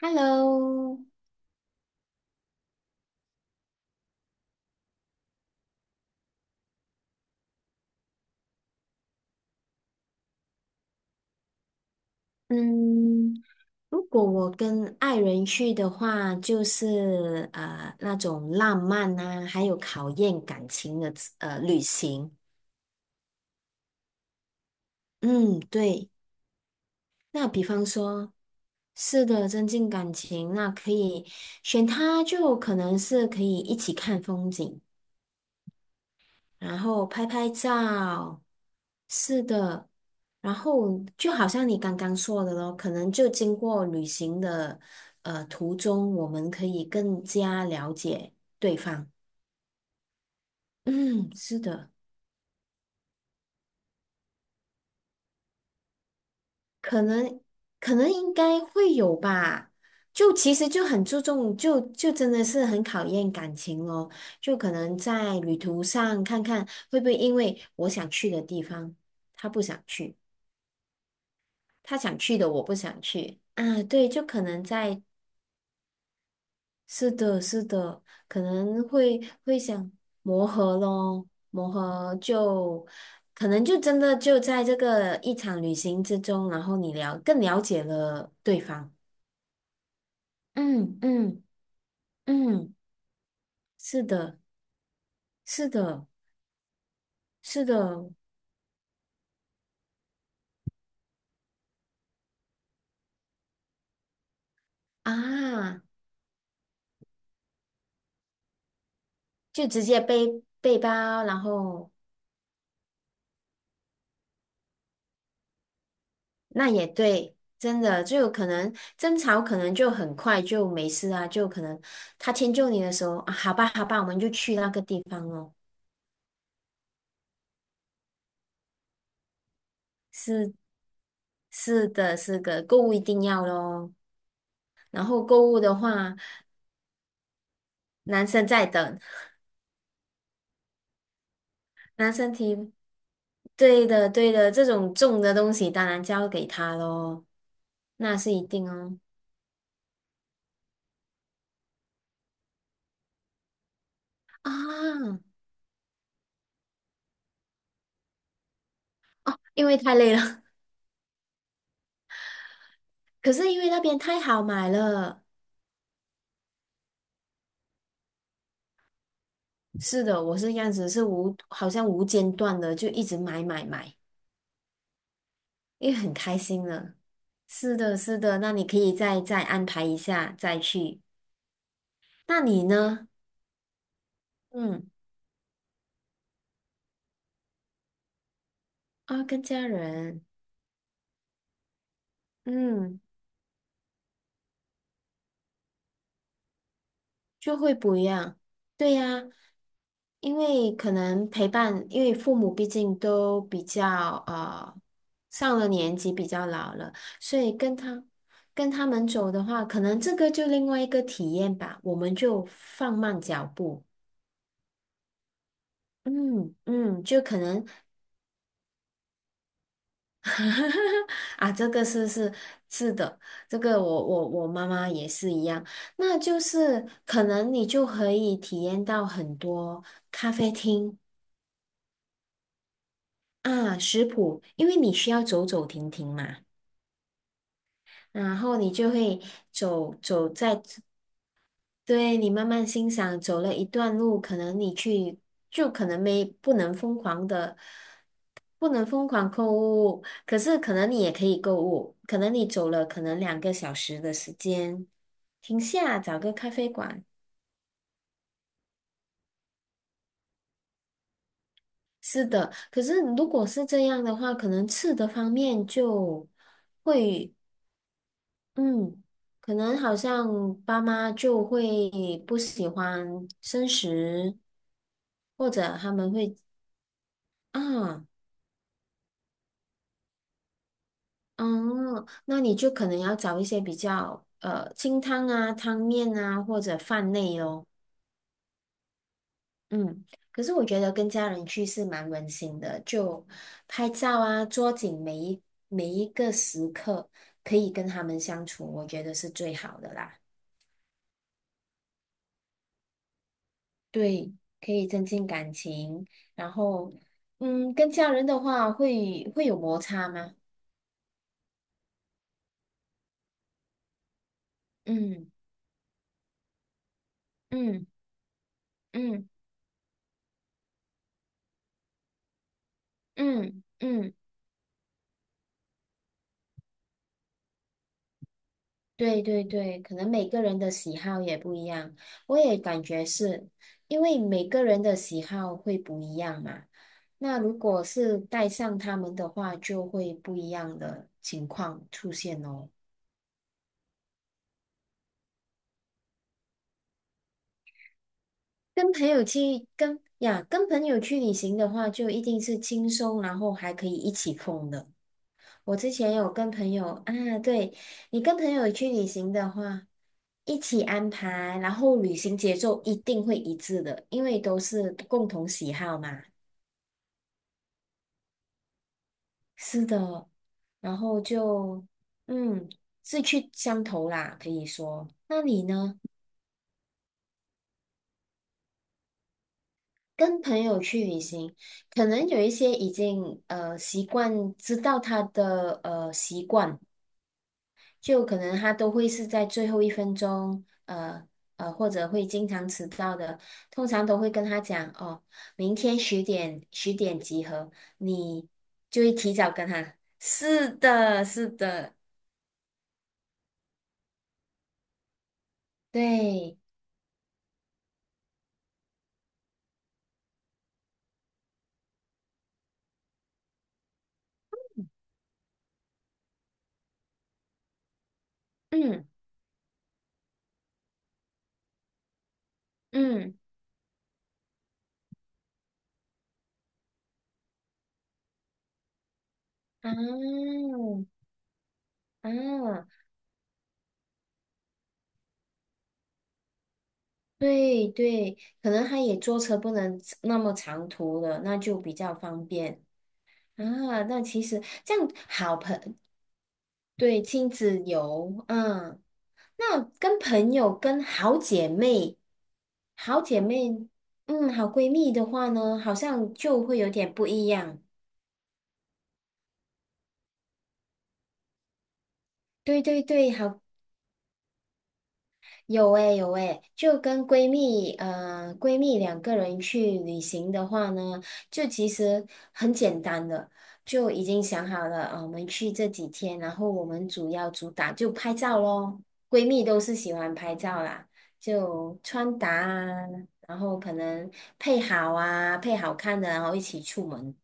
Hello，嗯，如果我跟爱人去的话，就是那种浪漫啊，还有考验感情的旅行。嗯，对。那比方说，是的，增进感情，那可以选他，就可能是可以一起看风景。然后拍拍照，是的，然后就好像你刚刚说的咯，可能就经过旅行的途中，我们可以更加了解对方。嗯，是的，可能可能应该会有吧。就其实就很注重，就真的是很考验感情咯。就可能在旅途上看看会不会因为我想去的地方，他不想去。他想去的我不想去啊，对，就可能在，是的，是的，可能会想磨合咯，磨合就可能就真的就在这个一场旅行之中，然后你了更了解了对方，嗯嗯嗯，是的，是的，是的啊，就直接背背包，然后那也对，真的就有可能争吵，可能就很快就没事啊，就可能他迁就你的时候啊，好吧，好吧，我们就去那个地方咯。是是的，购物一定要咯。然后购物的话，男生在等，男生提，对的对的，这种重的东西当然交给他咯，那是一定哦。啊，因为太累了，可是因为那边太好买了。是的，我是这样子，是无，好像无间断的就一直买买买，因为很开心了。是的，是的，那你可以再安排一下再去。那你呢？嗯，啊，跟家人，嗯。就会不一样。对呀，因为可能陪伴，因为父母毕竟都比较上了年纪，比较老了，所以跟他们走的话，可能这个就另外一个体验吧。我们就放慢脚步，嗯嗯，就可能 啊，这个是的，这个我妈妈也是一样。那就是可能你就可以体验到很多咖啡厅。啊，食谱，因为你需要走走停停嘛，然后你就会走走在，对，你慢慢欣赏，走了一段路，可能你去就可能没不能疯狂的，不能疯狂购物，可是可能你也可以购物，可能你走了可能2个小时的时间，停下找个咖啡馆。是的，可是如果是这样的话，可能吃的方面就。会。嗯，可能好像爸妈就会不喜欢生食，或者他们会啊，嗯，那你就可能要找一些比较清汤啊、汤面啊或者饭类哦。嗯，可是我觉得跟家人去是蛮温馨的，就拍照啊，捉紧每一个时刻，可以跟他们相处，我觉得是最好的啦。对，可以增进感情。然后，嗯，跟家人的话会有摩擦吗？嗯嗯嗯嗯嗯，对对对，可能每个人的喜好也不一样。我也感觉是，因为每个人的喜好会不一样嘛。那如果是带上他们的话，就会不一样的情况出现哦。跟朋友去旅行的话，就一定是轻松，然后还可以一起疯的。我之前有跟朋友啊，对，你跟朋友去旅行的话，一起安排，然后旅行节奏一定会一致的，因为都是共同喜好嘛。是的，然后就嗯，志趣相投啦，可以说。那你呢？跟朋友去旅行，可能有一些已经习惯，知道他的习惯，就可能他都会是在最后一分钟，或者会经常迟到的。通常都会跟他讲哦，明天十点集合，你就会提早跟他。是的，是的，对，嗯嗯啊啊，对对，可能他也坐车不能那么长途了，那就比较方便啊。那其实这样对，亲子游，嗯，那跟朋友、跟好姐妹、好姐妹，嗯，好闺蜜的话呢，好像就会有点不一样。对对对，有诶、有诶、就跟闺蜜，闺蜜2个人去旅行的话呢，就其实很简单的，就已经想好了，啊、我们去这几天，然后我们主要主打就拍照咯。闺蜜都是喜欢拍照啦，就穿搭啊，然后可能配好啊，配好看的，然后一起出门。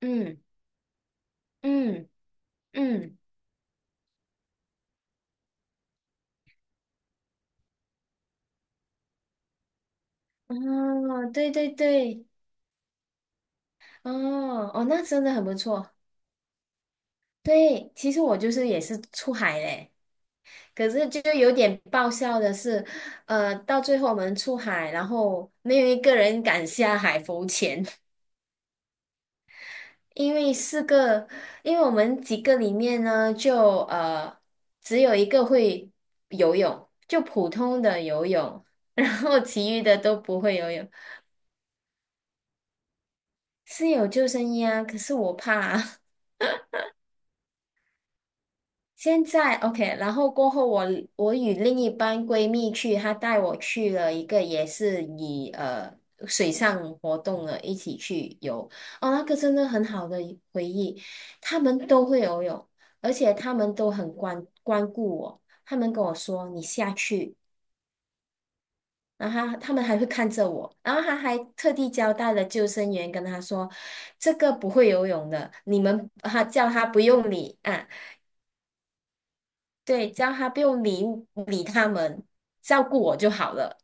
嗯嗯嗯，哦，对对对，哦哦，那真的很不错。对，其实我就是也是出海嘞，可是就有点爆笑的是，到最后我们出海，然后没有一个人敢下海浮潜，因为四个，因为我们几个里面呢，就只有一个会游泳，就普通的游泳，然后其余的都不会游泳，是有救生衣啊，可是我怕啊现在 OK，然后过后我与另一班闺蜜去，她带我去了一个也是以水上活动的一起去游，哦，那个真的很好的一回忆，他们都会游泳，而且他们都很关顾我，他们跟我说你下去，然后他们还会看着我，然后他还特地交代了救生员跟他说，这个不会游泳的，你们他叫他不用理啊，对，只要他不用理他们，照顾我就好了。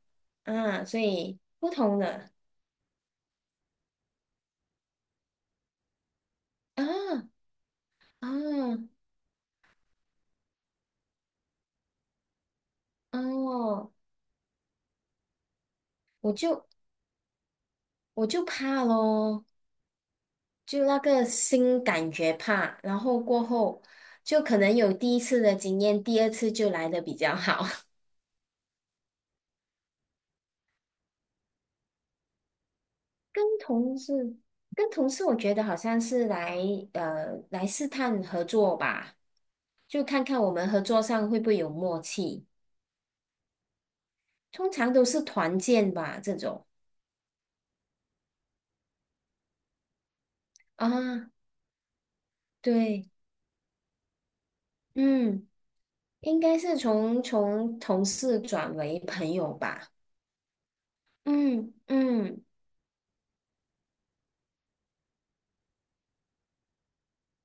啊，所以不同的啊啊哦，我就我就怕咯，就那个新感觉怕，然后过后就可能有第一次的经验，第二次就来的比较好。跟同事跟同事，我觉得好像是来试探合作吧，就看看我们合作上会不会有默契。通常都是团建吧，这种啊，对，嗯，应该是从同事转为朋友吧，嗯嗯，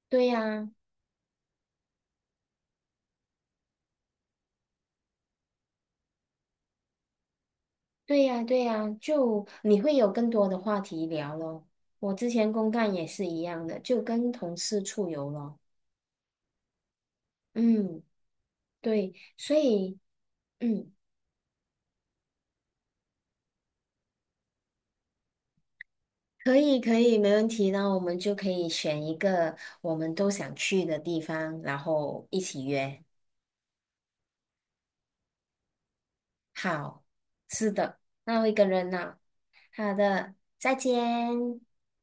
对呀，对呀，对呀，就你会有更多的话题聊咯。我之前公干也是一样的，就跟同事出游咯，嗯，对，所以嗯，可以可以，没问题，那我们就可以选一个我们都想去的地方，然后一起约。好，是的，那我一个人呢。好的，再见。